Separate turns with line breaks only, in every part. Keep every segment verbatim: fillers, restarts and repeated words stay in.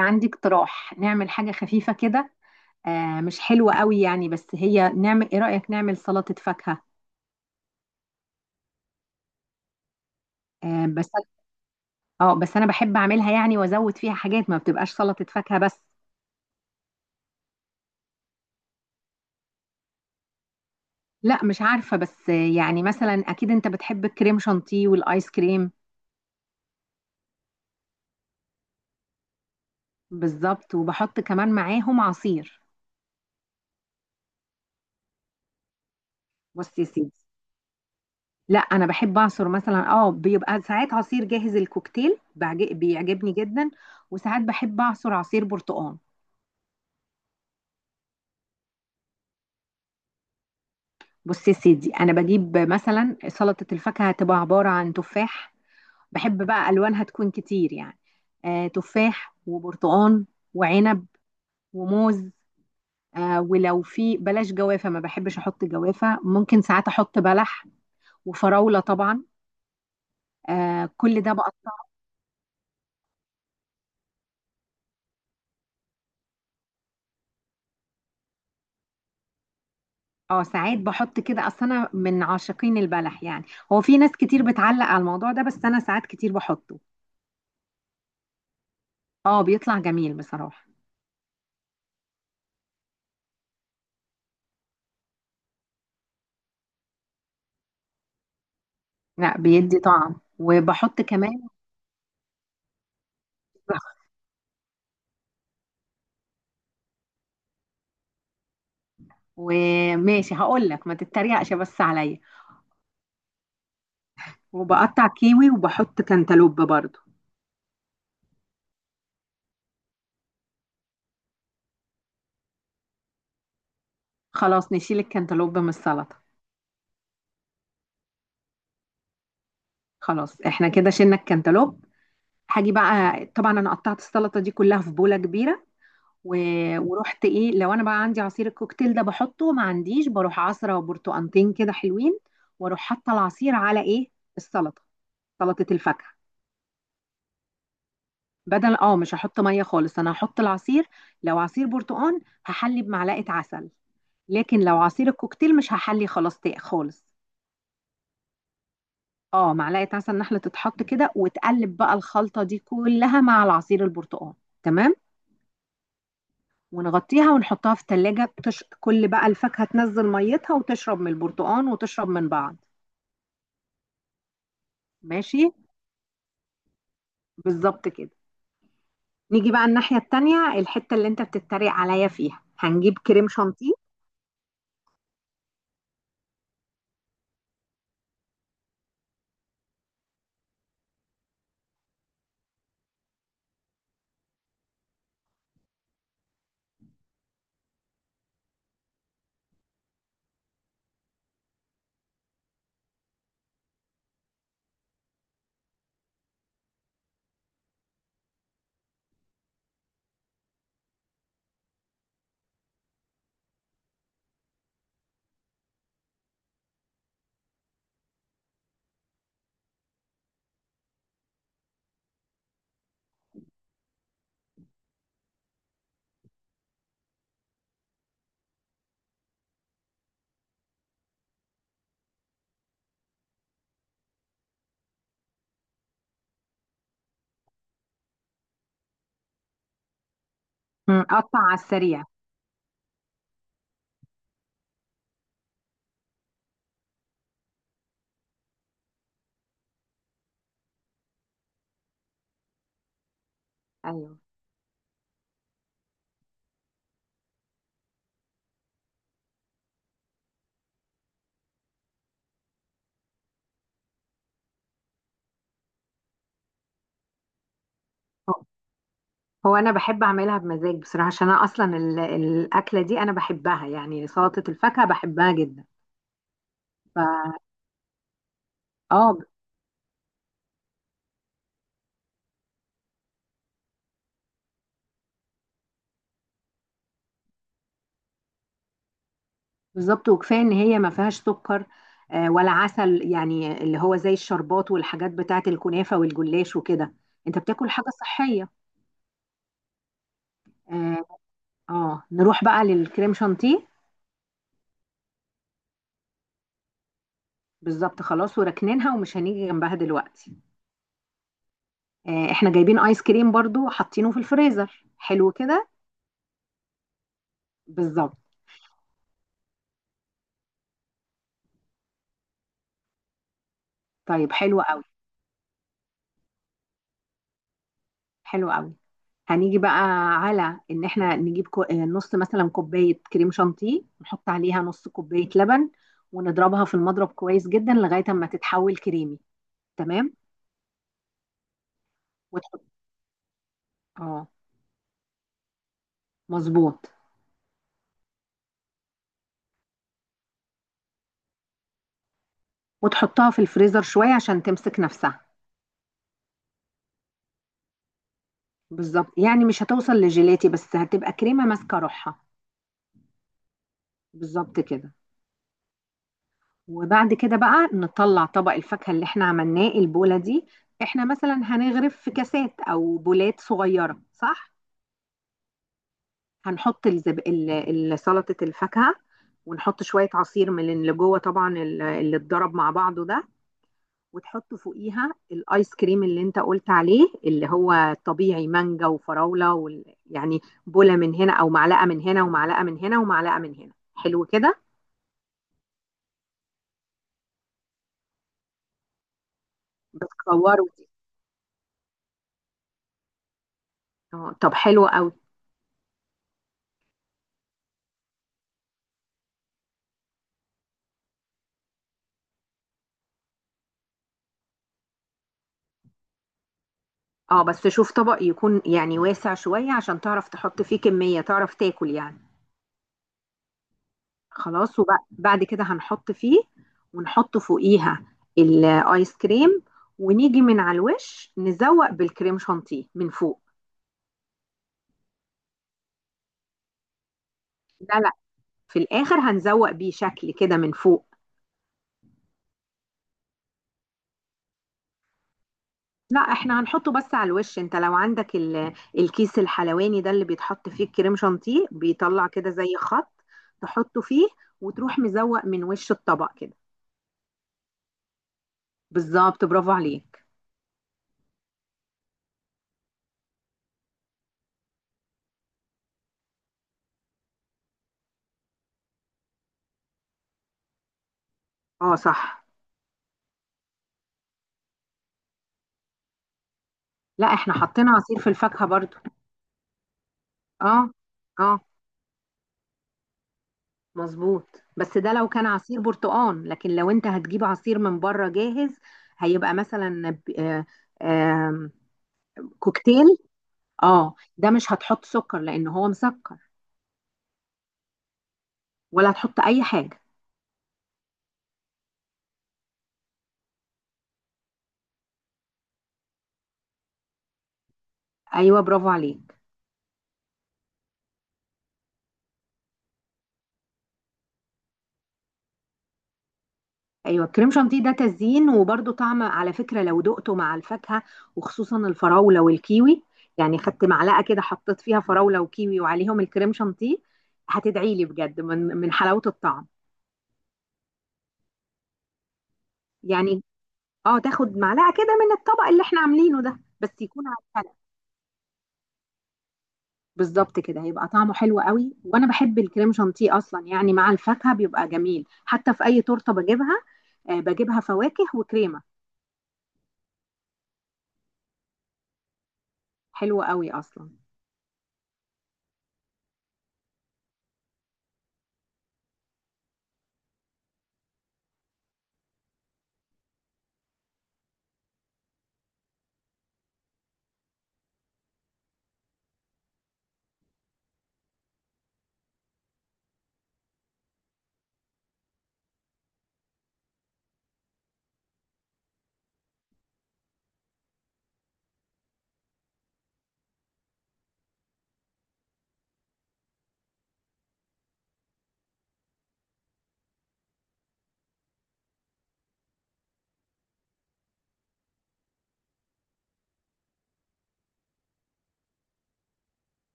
أنا عندي اقتراح نعمل حاجة خفيفة كده. آه، مش حلوة قوي يعني، بس هي نعمل ايه، رأيك نعمل سلطة فاكهة؟ آه بس. اه بس انا بحب اعملها يعني وازود فيها حاجات، ما بتبقاش سلطة فاكهة بس. لا مش عارفة بس، آه، يعني مثلا اكيد انت بتحب الكريم شانتيه والايس كريم. بالظبط، وبحط كمان معاهم عصير. بص يا سيدي، لا انا بحب اعصر مثلا، اه بيبقى ساعات عصير جاهز الكوكتيل بعج- بيعجبني جدا. وساعات بحب اعصر عصير برتقال. بص يا سيدي، انا بجيب مثلا سلطه الفاكهه، هتبقى عباره عن تفاح. بحب بقى الوانها تكون كتير يعني. آه، تفاح وبرتقان وعنب وموز. آه، ولو في بلاش جوافه، ما بحبش احط جوافه، ممكن ساعات احط بلح. وفراوله طبعا. آه، كل ده بقطع. اه ساعات بحط كده، اصل انا من عاشقين البلح يعني. هو في ناس كتير بتعلق على الموضوع ده، بس انا ساعات كتير بحطه. اه بيطلع جميل بصراحه. لا بيدي طعم، وبحط كمان. وماشي هقول لك، ما تتريقش بس عليا. وبقطع كيوي وبحط كانتالوب برضو. خلاص نشيل الكانتالوب من السلطه. خلاص احنا كده شلنا الكانتالوب. هاجي بقى، طبعا انا قطعت السلطه دي كلها في بوله كبيره. و... ورحت ايه، لو انا بقى عندي عصير الكوكتيل ده بحطه، ما عنديش بروح عصره، وبرتقانتين كده حلوين. واروح حاطه العصير على ايه؟ السلطه، سلطه الفاكهه. بدل، اه مش هحط ميه خالص، انا هحط العصير. لو عصير برتقان هحلي بمعلقه عسل، لكن لو عصير الكوكتيل مش هحلي خلاص تا- خالص. اه معلقه عسل نحله تتحط كده، وتقلب بقى الخلطه دي كلها مع العصير البرتقال. تمام. ونغطيها ونحطها في التلاجة. تش... كل بقى الفاكهة تنزل ميتها، وتشرب من البرتقال وتشرب من بعض. ماشي. بالظبط كده. نيجي بقى الناحية التانية، الحتة اللي انت بتتريق عليا فيها، هنجيب كريم شانتيه. مم. قطع على السريع. ايوه. هو انا بحب اعملها بمزاج بصراحه، عشان انا اصلا ال- الاكله دي انا بحبها يعني، سلطه الفاكهه بحبها جدا. ف اه، بالظبط. وكفايه ان هي ما فيهاش سكر، آه، ولا عسل، يعني اللي هو زي الشربات والحاجات بتاعه الكنافه والجلاش وكده. انت بتاكل حاجه صحيه. اه. آه. نروح بقى للكريم شانتيه. بالظبط خلاص، وركنينها ومش هنيجي جنبها دلوقتي. آه، احنا جايبين ايس كريم برضو، حاطينه في الفريزر حلو كده. بالظبط. طيب حلو قوي، حلو قوي. هنيجي بقى على ان احنا نجيب كو... آه، نص مثلا كوبايه كريم شانتيه، نحط عليها نص كوبايه لبن. ونضربها في المضرب كويس جدا لغايه اما تتحول كريمي. تمام. وتحط، اه مظبوط. وتحطها في الفريزر شويه عشان تمسك نفسها. بالظبط، يعني مش هتوصل لجيلاتي، بس هتبقى كريمه ماسكه روحها. بالظبط كده. وبعد كده بقى نطلع طبق الفاكهه اللي احنا عملناه، البوله دي. احنا مثلا هنغرف في كاسات او بولات صغيره، صح؟ هنحط الزب... ال- ال- سلطة الفاكهة. ونحط شوية عصير من اللي جوه طبعا، ال- اللي اتضرب مع بعضه ده. وتحط فوقيها الايس كريم اللي انت قلت عليه، اللي هو طبيعي مانجا وفراولة وال... يعني بولة من هنا او معلقة من هنا، ومعلقة من هنا ومعلقة من هنا، حلو كده. بتكوره دي. اه طب حلو قوي. اه بس شوف طبق يكون يعني واسع شوية، عشان تعرف تحط فيه كمية تعرف تاكل يعني. خلاص وبعد كده هنحط فيه، ونحط فوقيها الايس كريم. ونيجي من على الوش نزوق بالكريم شانتيه من فوق. لا لا، في الاخر هنزوق بيه شكل كده من فوق. لا احنا هنحطه بس على الوش، انت لو عندك ال- الكيس الحلواني ده اللي بيتحط فيه الكريم شانتيه، بيطلع كده زي خط. تحطه فيه، وتروح مزوق من وش الطبق كده. بالظبط، برافو عليك. اه صح. لا احنا حطينا عصير في الفاكهة برضو. اه اه مظبوط، بس ده لو كان عصير برتقان، لكن لو انت هتجيب عصير من بره جاهز، هيبقى مثلا ب- آه، آم، كوكتيل. اه ده مش هتحط سكر لان هو مسكر، ولا هتحط اي حاجه. ايوه برافو عليك. ايوه كريم شانتيه ده تزيين، وبرده طعم على فكره لو دقته مع الفاكهه، وخصوصا الفراوله والكيوي. يعني خدت معلقه كده، حطيت فيها فراوله وكيوي وعليهم الكريم شانتيه، هتدعي لي بجد من من حلاوه الطعم يعني. اه تاخد معلقه كده من الطبق اللي احنا عاملينه ده، بس يكون على الحلقة. بالظبط كده، هيبقى طعمه حلو قوي. وانا بحب الكريم شانتيه اصلا يعني مع الفاكهه، بيبقى جميل حتى في اي تورته بجيبها، آه بجيبها فواكه وكريمه. حلوه قوي اصلا.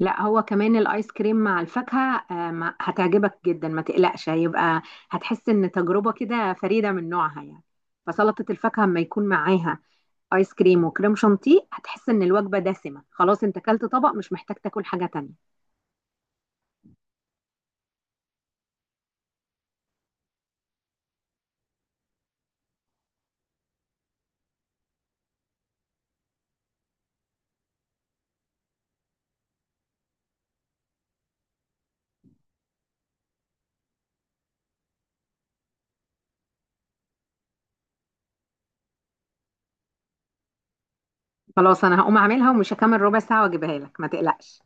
لا هو كمان الايس كريم مع الفاكهه آه ما- هتعجبك جدا، ما تقلقش. هيبقى، هتحس ان تجربه كده فريده من نوعها يعني. فسلطه الفاكهه اما يكون معاها ايس كريم وكريم شانتيه، هتحس ان الوجبه دسمه خلاص، انت اكلت طبق مش محتاج تاكل حاجه تانية. خلاص انا هقوم اعملها، ومش هكمل ربع ساعة واجيبها لك، ما تقلقش.